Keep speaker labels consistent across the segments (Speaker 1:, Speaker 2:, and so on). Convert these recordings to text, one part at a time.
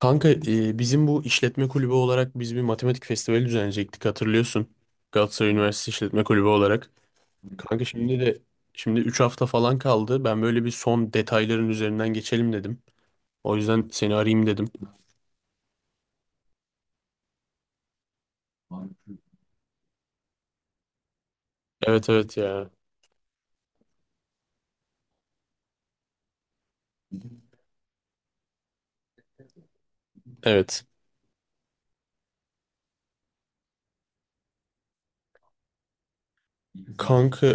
Speaker 1: Kanka bizim bu işletme kulübü olarak biz bir matematik festivali düzenleyecektik hatırlıyorsun. Galatasaray Üniversitesi İşletme Kulübü olarak. Kanka şimdi 3 hafta falan kaldı. Ben böyle bir son detayların üzerinden geçelim dedim. O yüzden seni arayayım dedim. Evet, evet ya. Evet. Kanka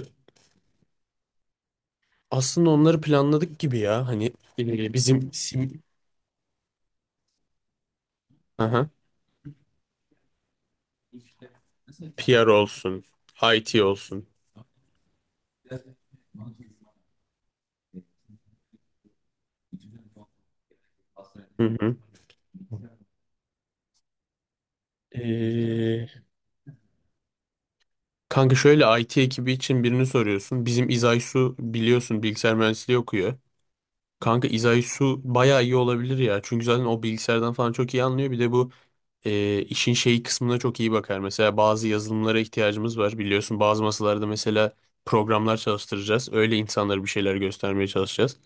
Speaker 1: aslında onları planladık gibi ya. Hani bizim aha, PR olsun, IT olsun. Hı hı. Kanka şöyle IT ekibi için birini soruyorsun. Bizim İzay Su biliyorsun bilgisayar mühendisliği okuyor. Kanka İzay Su bayağı iyi olabilir ya. Çünkü zaten o bilgisayardan falan çok iyi anlıyor. Bir de bu işin şeyi kısmına çok iyi bakar. Mesela bazı yazılımlara ihtiyacımız var. Biliyorsun bazı masalarda mesela programlar çalıştıracağız. Öyle insanlara bir şeyler göstermeye çalışacağız.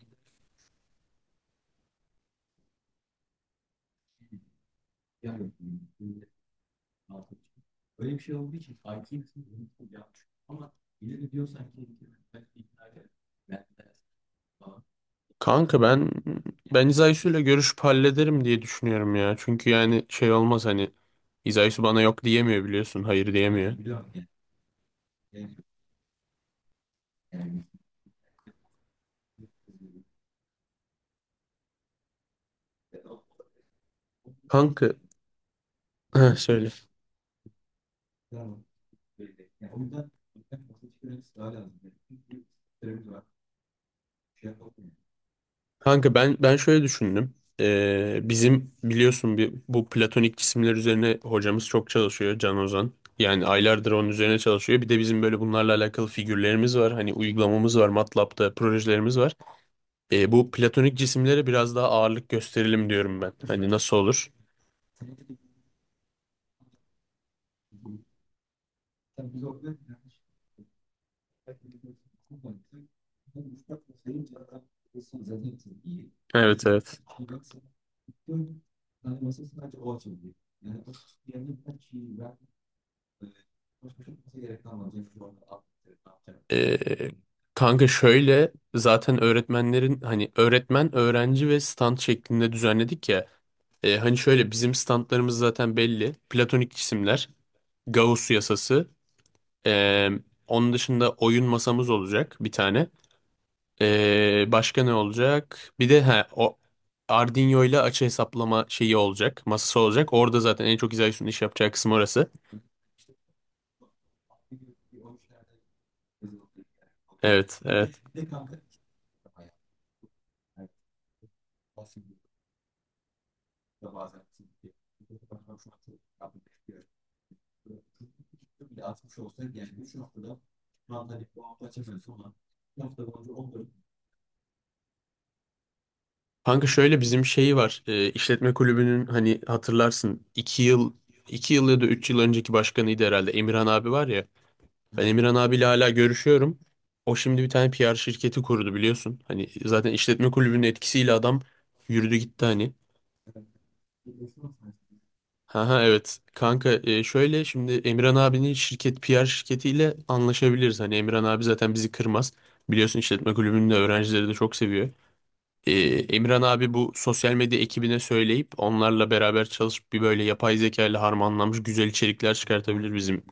Speaker 1: Kanka ben İzaysu ile görüşüp hallederim diye düşünüyorum ya. Çünkü yani şey olmaz hani İzaysu bana yok diyemiyor biliyorsun. Hayır diyemiyor. Kanka. Ha, söyle. Kanka ben şöyle düşündüm. Bizim biliyorsun bu platonik cisimler üzerine hocamız çok çalışıyor Can Ozan. Yani aylardır onun üzerine çalışıyor. Bir de bizim böyle bunlarla alakalı figürlerimiz var. Hani uygulamamız var. MATLAB'da projelerimiz var. Bu platonik cisimlere biraz daha ağırlık gösterelim diyorum ben. Hani nasıl olur? Evet, evet. Ee, Kanka şöyle zaten öğretmenlerin hani öğretmen, öğrenci ve stand şeklinde düzenledik ya. Hani şöyle bizim standlarımız zaten belli. Platonik cisimler, Gauss yasası. ee, Onun dışında oyun masamız olacak bir tane. Başka ne olacak? Bir de o Arduino ile açı hesaplama şeyi olacak. Masası olacak. Orada zaten en çok İzahi'nin iş yapacağı kısım orası. Evet, evet. Kanka şöyle bizim şeyi var. İşletme kulübünün hani hatırlarsın iki yıl ya da 3 yıl önceki başkanıydı herhalde Emirhan abi var ya. Ben, evet. Emirhan abiyle hala görüşüyorum. O şimdi bir tane PR şirketi kurdu biliyorsun. Hani zaten işletme kulübünün etkisiyle adam yürüdü gitti hani. Ha, ha, evet. Kanka şöyle şimdi Emirhan abinin şirket PR şirketiyle anlaşabiliriz. Hani Emirhan abi zaten bizi kırmaz. Biliyorsun işletme kulübünün de öğrencileri de çok seviyor. Ee, Emirhan abi bu sosyal medya ekibine söyleyip onlarla beraber çalışıp bir böyle yapay zeka ile harmanlanmış güzel içerikler çıkartabilir bizim.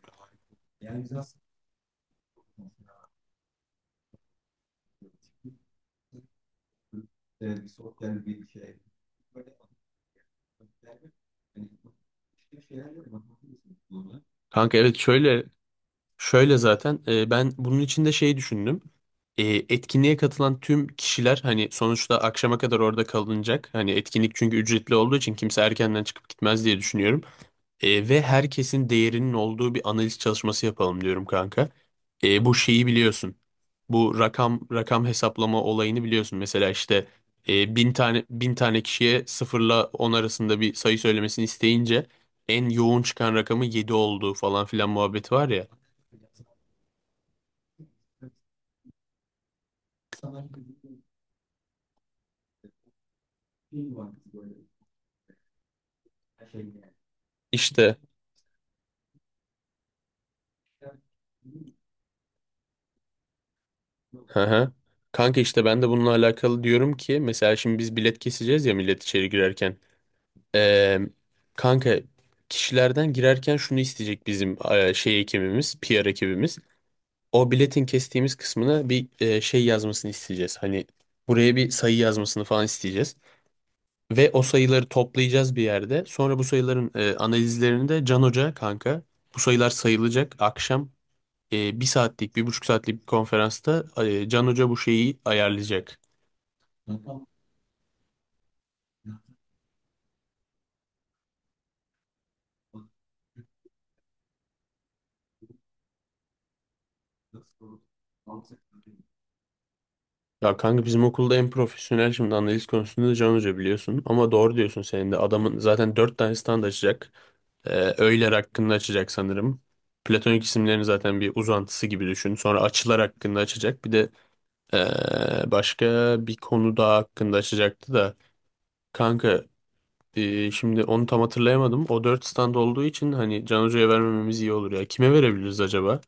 Speaker 1: Kanka evet şöyle zaten ben bunun için de şey düşündüm. E, Etkinliğe katılan tüm kişiler hani sonuçta akşama kadar orada kalınacak. Hani etkinlik çünkü ücretli olduğu için kimse erkenden çıkıp gitmez diye düşünüyorum. Ve herkesin değerinin olduğu bir analiz çalışması yapalım diyorum kanka. Bu şeyi biliyorsun. Bu rakam rakam hesaplama olayını biliyorsun. Mesela işte 1000 kişiye 0'la 10 arasında bir sayı söylemesini isteyince en yoğun çıkan rakamı 7 olduğu falan filan muhabbeti var ya. İşte, hı hı. Kanka işte ben de bununla alakalı diyorum ki mesela şimdi biz bilet keseceğiz ya millet içeri girerken. Ee, Kanka kişilerden girerken şunu isteyecek bizim şey ekibimiz, PR ekibimiz. O biletin kestiğimiz kısmına bir şey yazmasını isteyeceğiz. Hani buraya bir sayı yazmasını falan isteyeceğiz. Ve o sayıları toplayacağız bir yerde. Sonra bu sayıların analizlerini de Can Hoca kanka. Bu sayılar sayılacak. Akşam 1 saatlik, 1,5 saatlik bir konferansta Can Hoca bu şeyi ayarlayacak. Ya kanka bizim okulda en profesyonel şimdi analiz konusunda da Can Hoca biliyorsun. Ama doğru diyorsun senin de. Adamın zaten 4 tane stand açacak. Öğeler hakkında açacak sanırım. Platonik isimlerin zaten bir uzantısı gibi düşün. Sonra açılar hakkında açacak. Bir de başka bir konu daha hakkında açacaktı da. Kanka şimdi onu tam hatırlayamadım. O 4 stand olduğu için hani Can Hoca'ya vermememiz iyi olur ya. Kime verebiliriz acaba?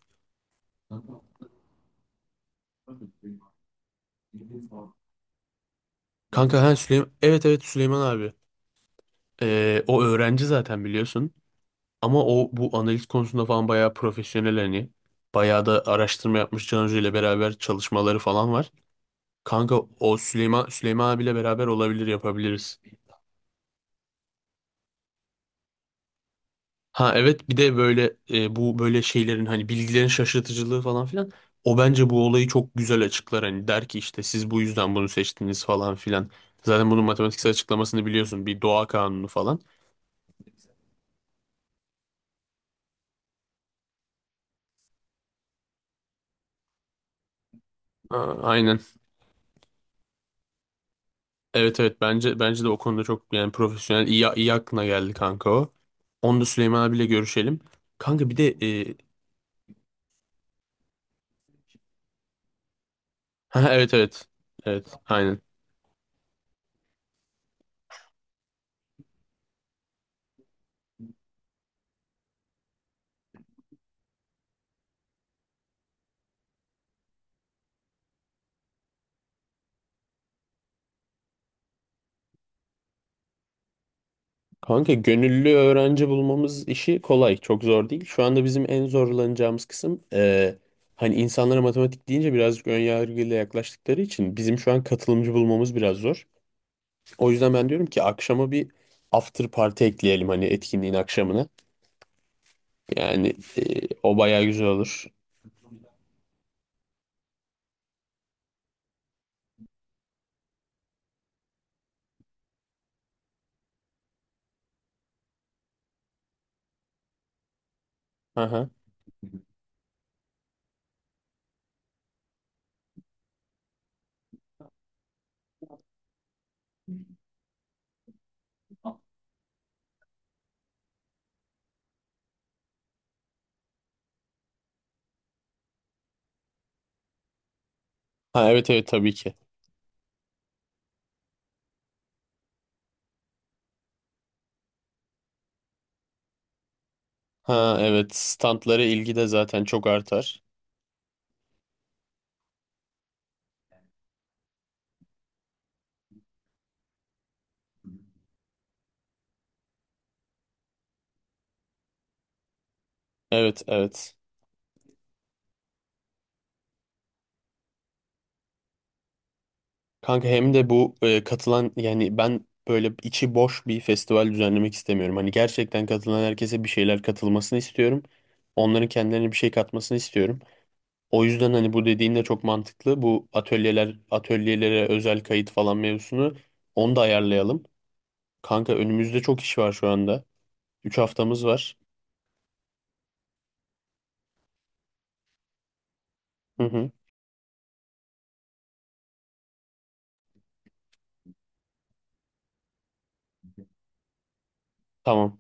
Speaker 1: Kanka, ha, Süleyman. Evet, evet, Süleyman abi. O öğrenci zaten biliyorsun. Ama o bu analiz konusunda falan bayağı profesyonel hani. Bayağı da araştırma yapmış Can ile beraber çalışmaları falan var. Kanka o Süleyman abiyle beraber olabilir yapabiliriz. Ha evet, bir de böyle bu böyle şeylerin hani bilgilerin şaşırtıcılığı falan filan. O bence bu olayı çok güzel açıklar hani der ki işte siz bu yüzden bunu seçtiniz falan filan. Zaten bunun matematiksel açıklamasını biliyorsun bir doğa kanunu falan. Ha, aynen. Evet, evet, bence de o konuda çok yani profesyonel iyi, iyi aklına geldi kanka o. Onu da Süleyman abiyle görüşelim. Kanka bir de e, ha, evet, evet. Evet, aynen. Kanka gönüllü öğrenci bulmamız işi kolay. Çok zor değil. Şu anda bizim en zorlanacağımız kısım hani insanlara matematik deyince birazcık ön yargıyla yaklaştıkları için bizim şu an katılımcı bulmamız biraz zor. O yüzden ben diyorum ki akşama bir after party ekleyelim hani etkinliğin akşamına. Yani o bayağı güzel olur. Aha. Ha, evet, evet, tabii ki. Ha evet, standlara ilgi de zaten çok artar. Evet, evet. Kanka hem de bu katılan yani ben böyle içi boş bir festival düzenlemek istemiyorum. Hani gerçekten katılan herkese bir şeyler katılmasını istiyorum. Onların kendilerine bir şey katmasını istiyorum. O yüzden hani bu dediğin de çok mantıklı. Bu atölyelere özel kayıt falan mevzusunu onu da ayarlayalım. Kanka önümüzde çok iş var şu anda. 3 haftamız var. Hı hı. Tamam.